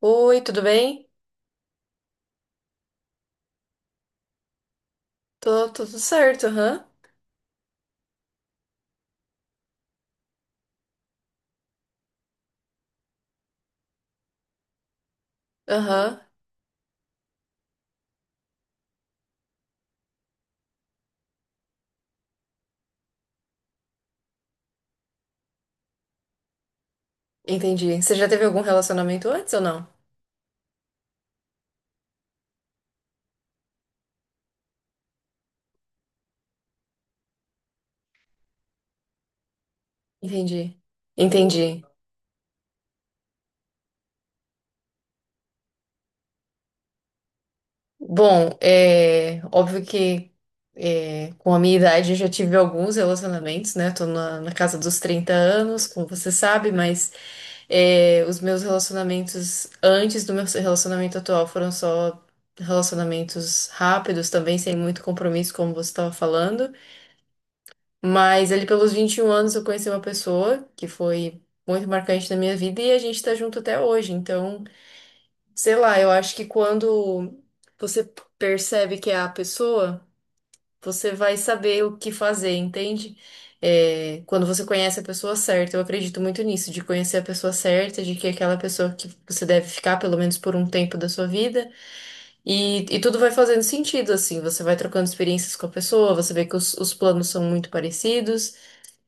Oi, tudo bem? Tô, tudo certo, aham. Aham, entendi. Você já teve algum relacionamento antes ou não? Entendi. Entendi. Bom, é óbvio que com a minha idade eu já tive alguns relacionamentos, né? Tô na casa dos 30 anos, como você sabe, mas os meus relacionamentos antes do meu relacionamento atual foram só relacionamentos rápidos também, sem muito compromisso, como você estava falando. Mas ali pelos 21 anos eu conheci uma pessoa que foi muito marcante na minha vida e a gente tá junto até hoje. Então, sei lá, eu acho que quando você percebe que é a pessoa, você vai saber o que fazer, entende? É, quando você conhece a pessoa certa, eu acredito muito nisso, de conhecer a pessoa certa, de que é aquela pessoa que você deve ficar pelo menos por um tempo da sua vida, e tudo vai fazendo sentido, assim, você vai trocando experiências com a pessoa, você vê que os planos são muito parecidos.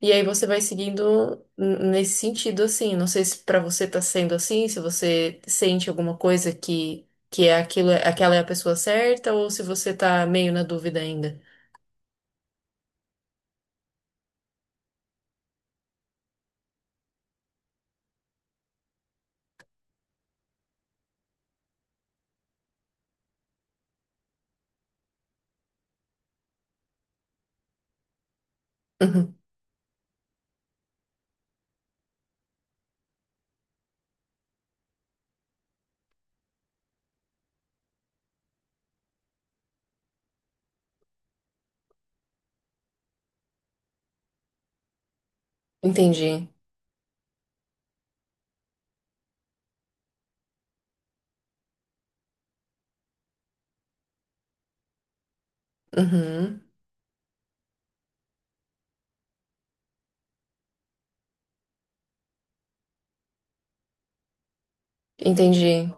E aí você vai seguindo nesse sentido, assim. Não sei se pra você tá sendo assim, se você sente alguma coisa que é aquilo, aquela é a pessoa certa, ou se você tá meio na dúvida ainda. Uhum. Entendi. Uhum. Entendi.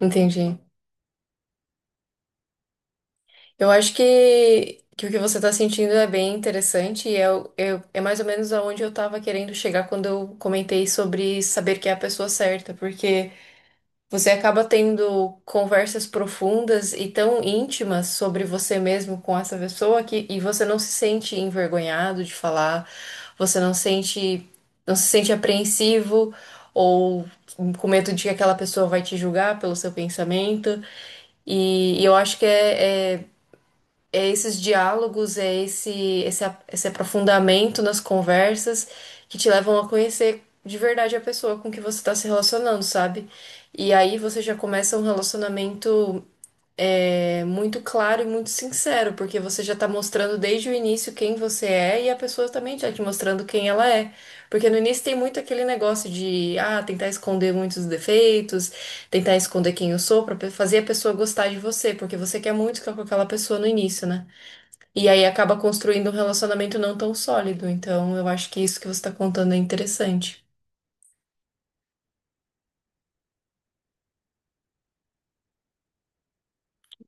Entendi. Eu acho que o que você tá sentindo é bem interessante e é mais ou menos aonde eu tava querendo chegar quando eu comentei sobre saber que é a pessoa certa, porque. Você acaba tendo conversas profundas e tão íntimas sobre você mesmo com essa pessoa que você não se sente envergonhado de falar, você não sente, não se sente apreensivo ou com medo de que aquela pessoa vai te julgar pelo seu pensamento. E eu acho que é esses diálogos, é esse aprofundamento nas conversas que te levam a conhecer de verdade a pessoa com que você está se relacionando, sabe? E aí você já começa um relacionamento muito claro e muito sincero, porque você já tá mostrando desde o início quem você é e a pessoa também já te mostrando quem ela é. Porque no início tem muito aquele negócio de, ah, tentar esconder muitos defeitos, tentar esconder quem eu sou pra fazer a pessoa gostar de você, porque você quer muito ficar com aquela pessoa no início, né? E aí acaba construindo um relacionamento não tão sólido. Então, eu acho que isso que você está contando é interessante.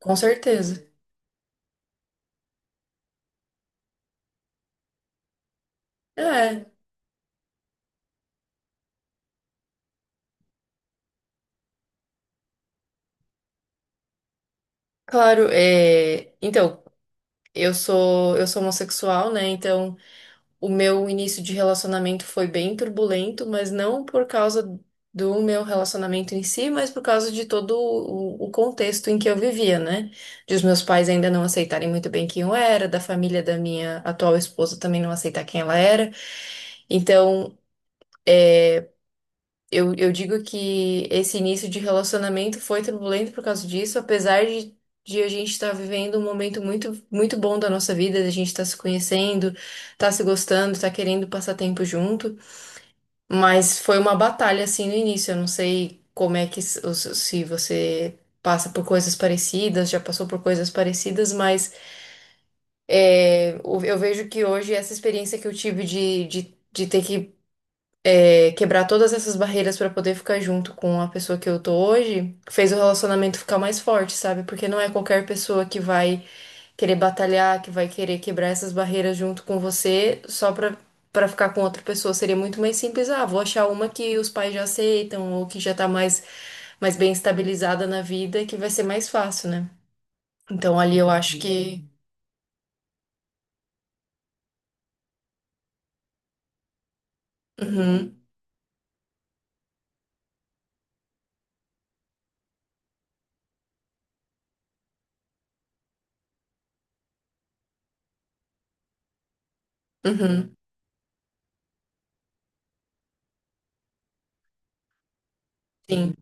Com certeza. É, claro. Então, eu sou homossexual, né? Então, o meu início de relacionamento foi bem turbulento, mas não por causa do meu relacionamento em si, mas por causa de todo o contexto em que eu vivia, né? De os meus pais ainda não aceitarem muito bem quem eu era, da família da minha atual esposa também não aceitar quem ela era. Então, eu digo que esse início de relacionamento foi turbulento por causa disso, apesar de a gente estar vivendo um momento muito, muito bom da nossa vida, da gente estar se conhecendo, estar se gostando, estar querendo passar tempo junto. Mas foi uma batalha assim no início. Eu não sei como é que se você passa por coisas parecidas, já passou por coisas parecidas, mas é, eu vejo que hoje essa experiência que eu tive de, de ter que quebrar todas essas barreiras pra poder ficar junto com a pessoa que eu tô hoje, fez o relacionamento ficar mais forte, sabe? Porque não é qualquer pessoa que vai querer batalhar, que vai querer quebrar essas barreiras junto com você só pra ficar com outra pessoa. Seria muito mais simples, ah, vou achar uma que os pais já aceitam ou que já tá mais bem estabilizada na vida, que vai ser mais fácil, né? Então ali eu acho que. Uhum, uhum, sim.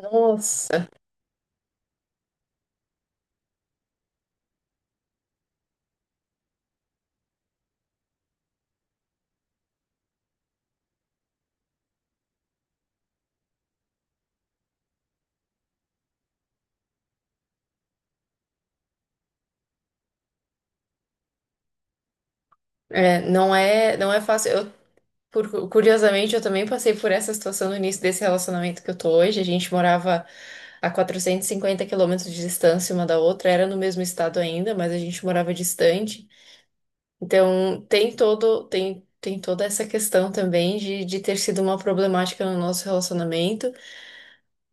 Nossa. É, não é fácil. Eu curiosamente, eu também passei por essa situação no início desse relacionamento que eu tô hoje. A gente morava a 450 quilômetros de distância uma da outra, era no mesmo estado ainda, mas a gente morava distante. Então, tem toda essa questão também de ter sido uma problemática no nosso relacionamento.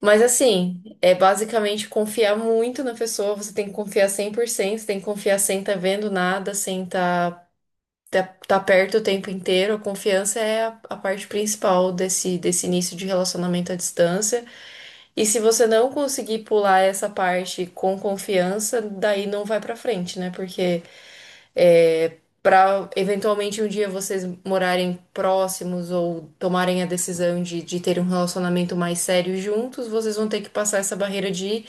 Mas, assim, é basicamente confiar muito na pessoa, você tem que confiar 100%, você tem que confiar sem estar tá vendo nada, sem estar tá perto o tempo inteiro, a confiança é a parte principal desse, desse início de relacionamento à distância. E se você não conseguir pular essa parte com confiança, daí não vai pra frente, né? Porque é, para eventualmente um dia vocês morarem próximos ou tomarem a decisão de ter um relacionamento mais sério juntos, vocês vão ter que passar essa barreira de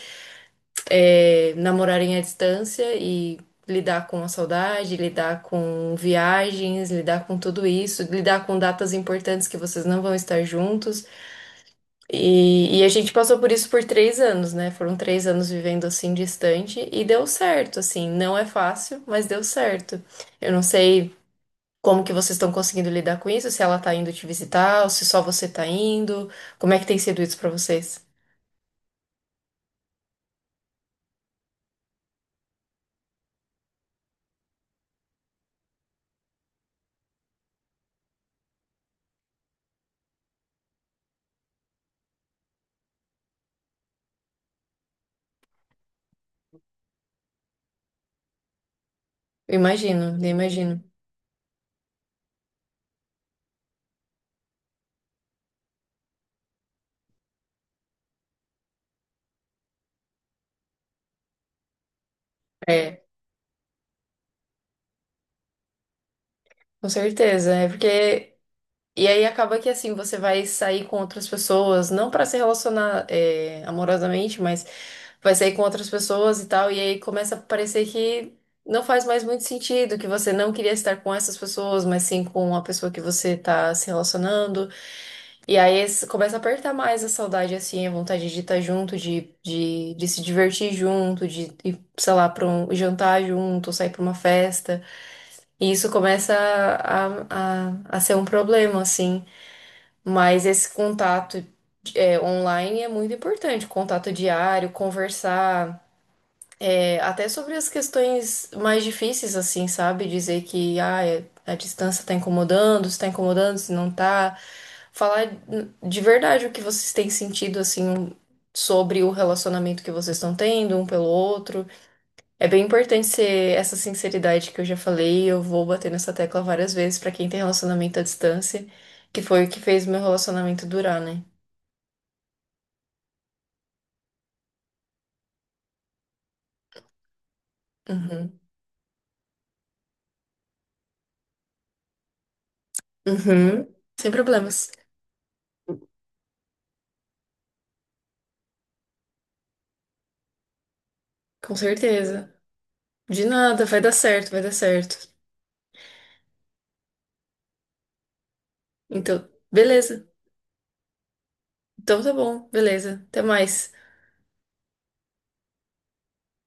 namorarem à distância e lidar com a saudade, lidar com viagens, lidar com tudo isso, lidar com datas importantes que vocês não vão estar juntos. E a gente passou por isso por 3 anos, né? Foram 3 anos vivendo assim distante e deu certo, assim. Não é fácil, mas deu certo. Eu não sei. Como que vocês estão conseguindo lidar com isso? Se ela tá indo te visitar, ou se só você tá indo? Como é que tem sido isso pra vocês? Eu imagino, eu imagino. É, com certeza. É porque E aí acaba que assim, você vai sair com outras pessoas, não pra se relacionar amorosamente, mas vai sair com outras pessoas e tal, e aí começa a parecer que não faz mais muito sentido, que você não queria estar com essas pessoas, mas sim com a pessoa que você tá se relacionando. E aí começa a apertar mais a saudade, assim, a vontade de estar junto, de se divertir junto, de ir, sei lá, pra um jantar junto, sair pra uma festa. E isso começa a ser um problema, assim. Mas esse contato online é muito importante, contato diário, conversar, até sobre as questões mais difíceis, assim, sabe? Dizer que ah, a distância tá incomodando, se não tá. Falar de verdade o que vocês têm sentido, assim, sobre o relacionamento que vocês estão tendo um pelo outro. É bem importante ser essa sinceridade que eu já falei, eu vou bater nessa tecla várias vezes pra quem tem relacionamento à distância, que foi o que fez meu relacionamento durar, né? Uhum. Uhum. Sem problemas. Com certeza. De nada, vai dar certo, vai dar certo. Então, beleza. Então tá bom, beleza. Até mais.